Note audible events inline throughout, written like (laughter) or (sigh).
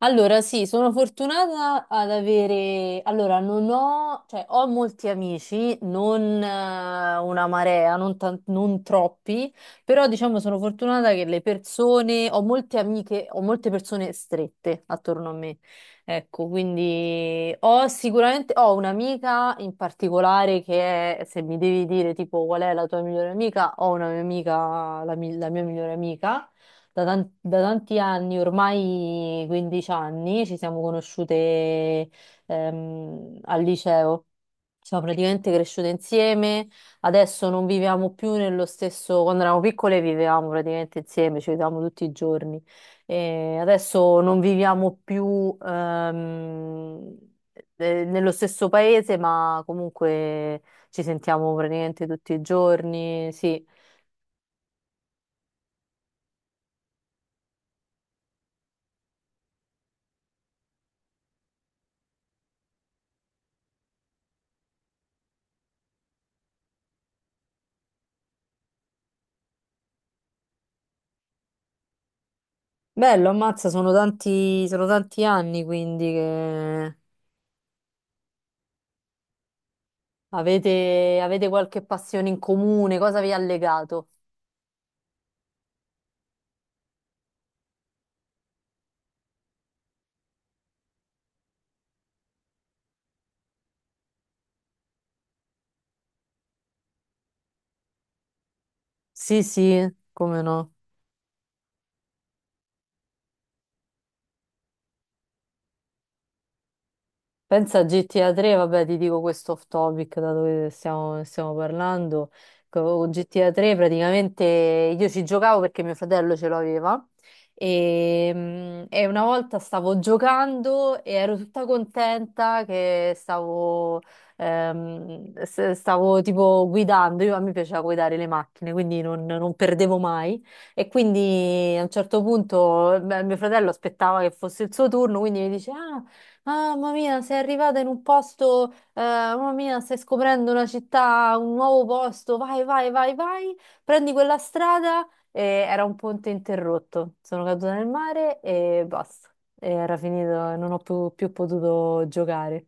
Allora, sì, sono fortunata ad avere... Allora, non ho... cioè, ho molti amici, non una marea, non non troppi, però diciamo sono fortunata che le persone... Ho molte amiche, ho molte persone strette attorno a me. Ecco, quindi ho sicuramente... Ho un'amica in particolare che è, se mi devi dire tipo qual è la tua migliore amica, ho una mia amica, la mia migliore amica da da tanti anni, ormai 15 anni, ci siamo conosciute al liceo. Siamo praticamente cresciute insieme, adesso non viviamo più nello stesso, quando eravamo piccole vivevamo praticamente insieme, ci vedevamo tutti i giorni. E adesso non viviamo più nello stesso paese, ma comunque ci sentiamo praticamente tutti i giorni, sì. Bello, ammazza, sono tanti anni quindi che avete, avete qualche passione in comune, cosa vi ha legato? Sì, sì, come no. Pensa a GTA 3, vabbè, ti dico questo off topic da dove stiamo, stiamo parlando. Con GTA 3 praticamente io ci giocavo perché mio fratello ce l'aveva e e una volta stavo giocando e ero tutta contenta che stavo, stavo tipo guidando. Io, a me piaceva guidare le macchine, quindi non, non perdevo mai. E quindi a un certo punto beh, mio fratello aspettava che fosse il suo turno, quindi mi dice: Ah, mamma mia, sei arrivata in un posto, mamma mia, stai scoprendo una città, un nuovo posto, vai, vai, vai, vai, prendi quella strada e era un ponte interrotto. Sono caduta nel mare e basta. E era finito, non ho più, più potuto giocare.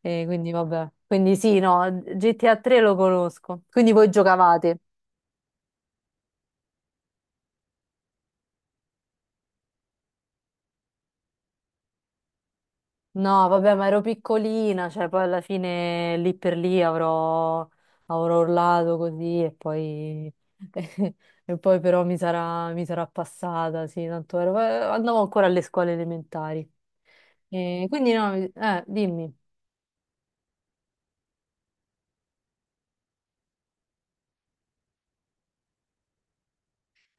E quindi vabbè. Quindi sì, no, GTA 3 lo conosco. Quindi voi giocavate. No, vabbè, ma ero piccolina, cioè poi alla fine lì per lì avrò, avrò urlato così e poi, (laughs) e poi però mi sarà passata, sì, tanto andavo ancora alle scuole elementari. E quindi no, dimmi.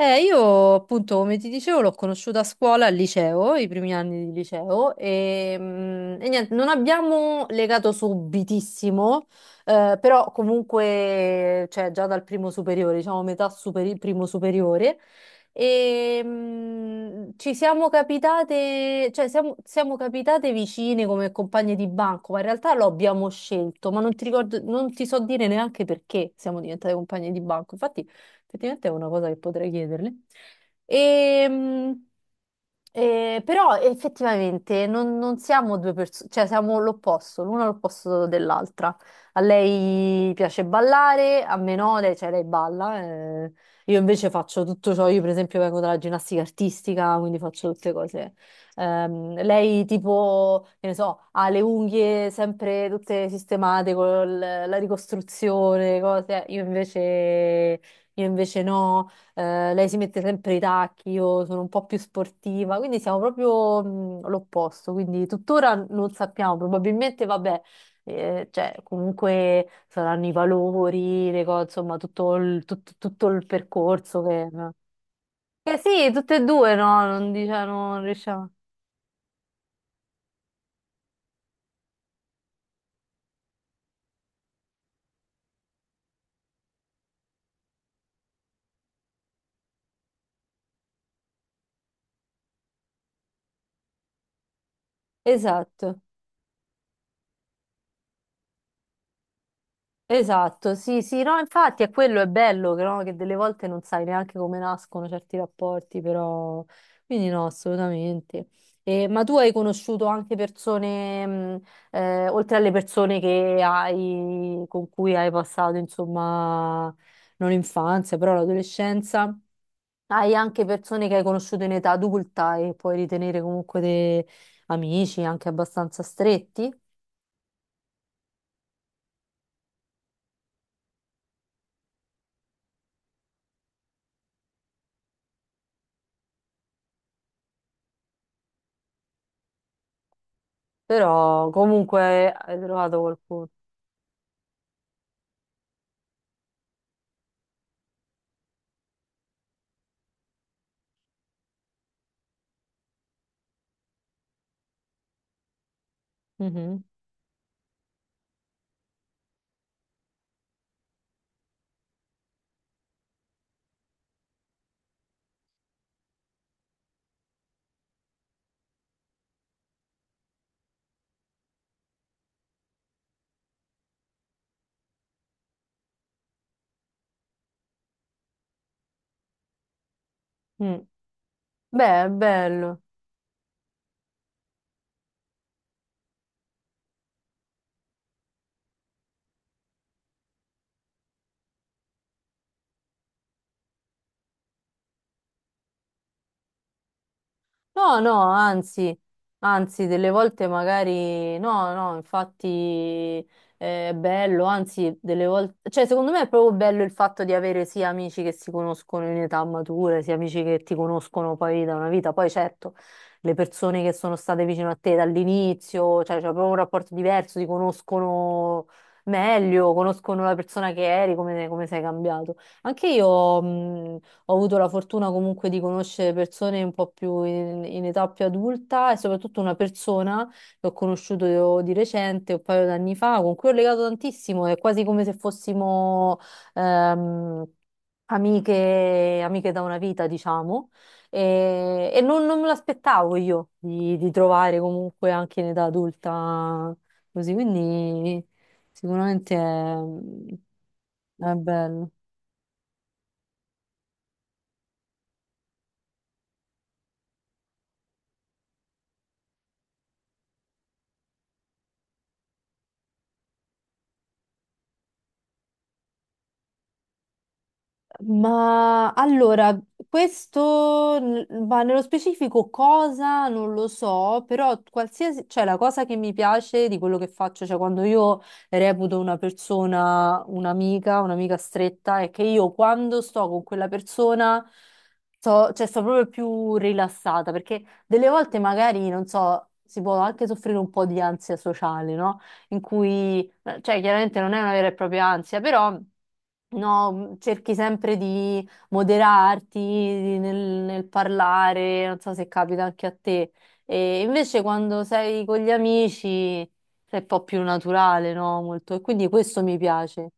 Io appunto, come ti dicevo, l'ho conosciuta a scuola, al liceo, i primi anni di liceo, e niente, non abbiamo legato subitissimo, però comunque, cioè, già dal primo superiore, diciamo primo superiore, ci siamo capitate, cioè, siamo, siamo capitate vicine come compagne di banco, ma in realtà lo abbiamo scelto, ma non ti ricordo, non ti so dire neanche perché siamo diventate compagne di banco. Effettivamente è una cosa che potrei chiederle. Ehm, però effettivamente non, non siamo due persone, cioè siamo l'opposto, l'una l'opposto dell'altra. A lei piace ballare, a me no, lei, cioè lei balla. Eh. Io invece faccio tutto ciò, io per esempio vengo dalla ginnastica artistica, quindi faccio tutte cose. Lei tipo, che ne so, ha le unghie sempre tutte sistemate con la ricostruzione, cose. Io invece no, lei si mette sempre i tacchi, io sono un po' più sportiva, quindi siamo proprio l'opposto, quindi tuttora non sappiamo, probabilmente vabbè, cioè comunque saranno i valori, le cose, insomma tutto il percorso che sì, tutte e due no, non diciamo, non riusciamo. Esatto. Esatto, sì, sì, no, infatti è quello, è bello che, no, che delle volte non sai neanche come nascono certi rapporti, però... Quindi no, assolutamente. Ma tu hai conosciuto anche persone, oltre alle persone che hai, con cui hai passato, insomma, non l'infanzia, però l'adolescenza, hai anche persone che hai conosciuto in età adulta e puoi ritenere comunque dei amici anche abbastanza stretti, però comunque hai trovato qualcuno. Mhm. Mm. Beh, è bello. No, no, anzi, anzi, delle volte magari no, no, infatti è bello, anzi, delle volte, cioè, secondo me è proprio bello il fatto di avere sia amici che si conoscono in età matura, sia amici che ti conoscono poi da una vita. Poi certo, le persone che sono state vicino a te dall'inizio, cioè, c'è proprio un rapporto diverso, ti conoscono meglio, conoscono la persona che eri, come, come sei cambiato. Anche io, ho avuto la fortuna comunque di conoscere persone un po' più in, in età più adulta e soprattutto una persona che ho conosciuto di recente, un paio d'anni fa, con cui ho legato tantissimo, è quasi come se fossimo ehm, amiche, amiche da una vita, diciamo, e non me l'aspettavo io di trovare comunque anche in età adulta così, quindi sicuramente è bello. Ma allora, questo, ma nello specifico cosa non lo so, però qualsiasi, cioè la cosa che mi piace di quello che faccio, cioè quando io reputo una persona un'amica, un'amica stretta, è che io quando sto con quella persona sto, cioè, sto proprio più rilassata, perché delle volte magari, non so, si può anche soffrire un po' di ansia sociale, no? In cui cioè, chiaramente non è una vera e propria ansia, però no, cerchi sempre di moderarti nel, nel parlare, non so se capita anche a te. E invece quando sei con gli amici sei un po' più naturale, no? Molto. E quindi questo mi piace.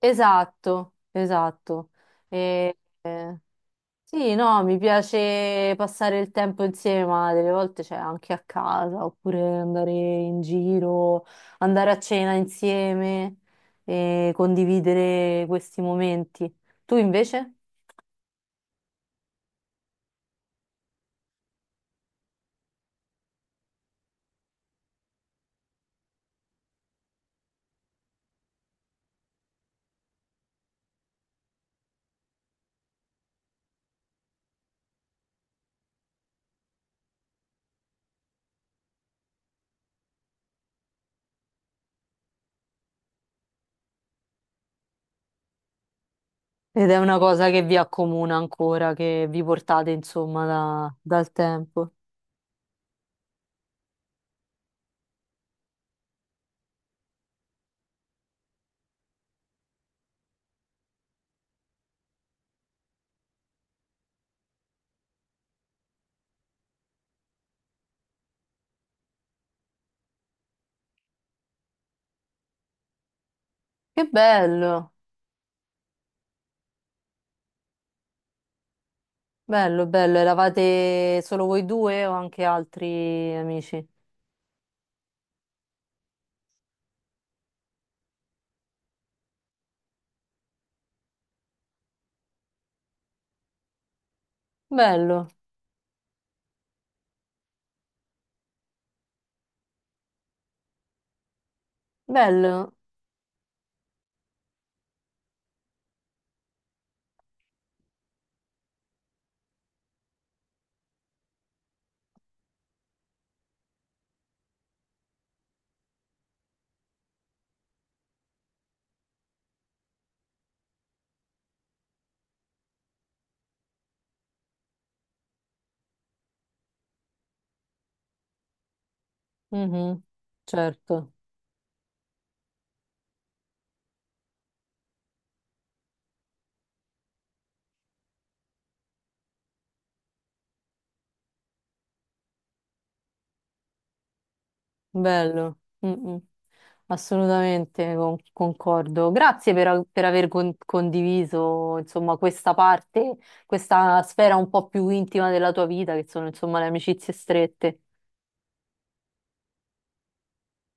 Esatto, esatto. E- eh, sì, no, mi piace passare il tempo insieme, ma delle volte c'è anche a casa, oppure andare in giro, andare a cena insieme e condividere questi momenti. Tu invece? Ed è una cosa che vi accomuna ancora, che vi portate insomma dal tempo. Che bello, bello, bello. Eravate solo voi due o anche altri amici? Bello, bello. Mhm, certo. Bello, mm, mm. Assolutamente concordo. Grazie per, per aver condiviso, insomma, questa parte, questa sfera un po' più intima della tua vita, che sono, insomma, le amicizie strette.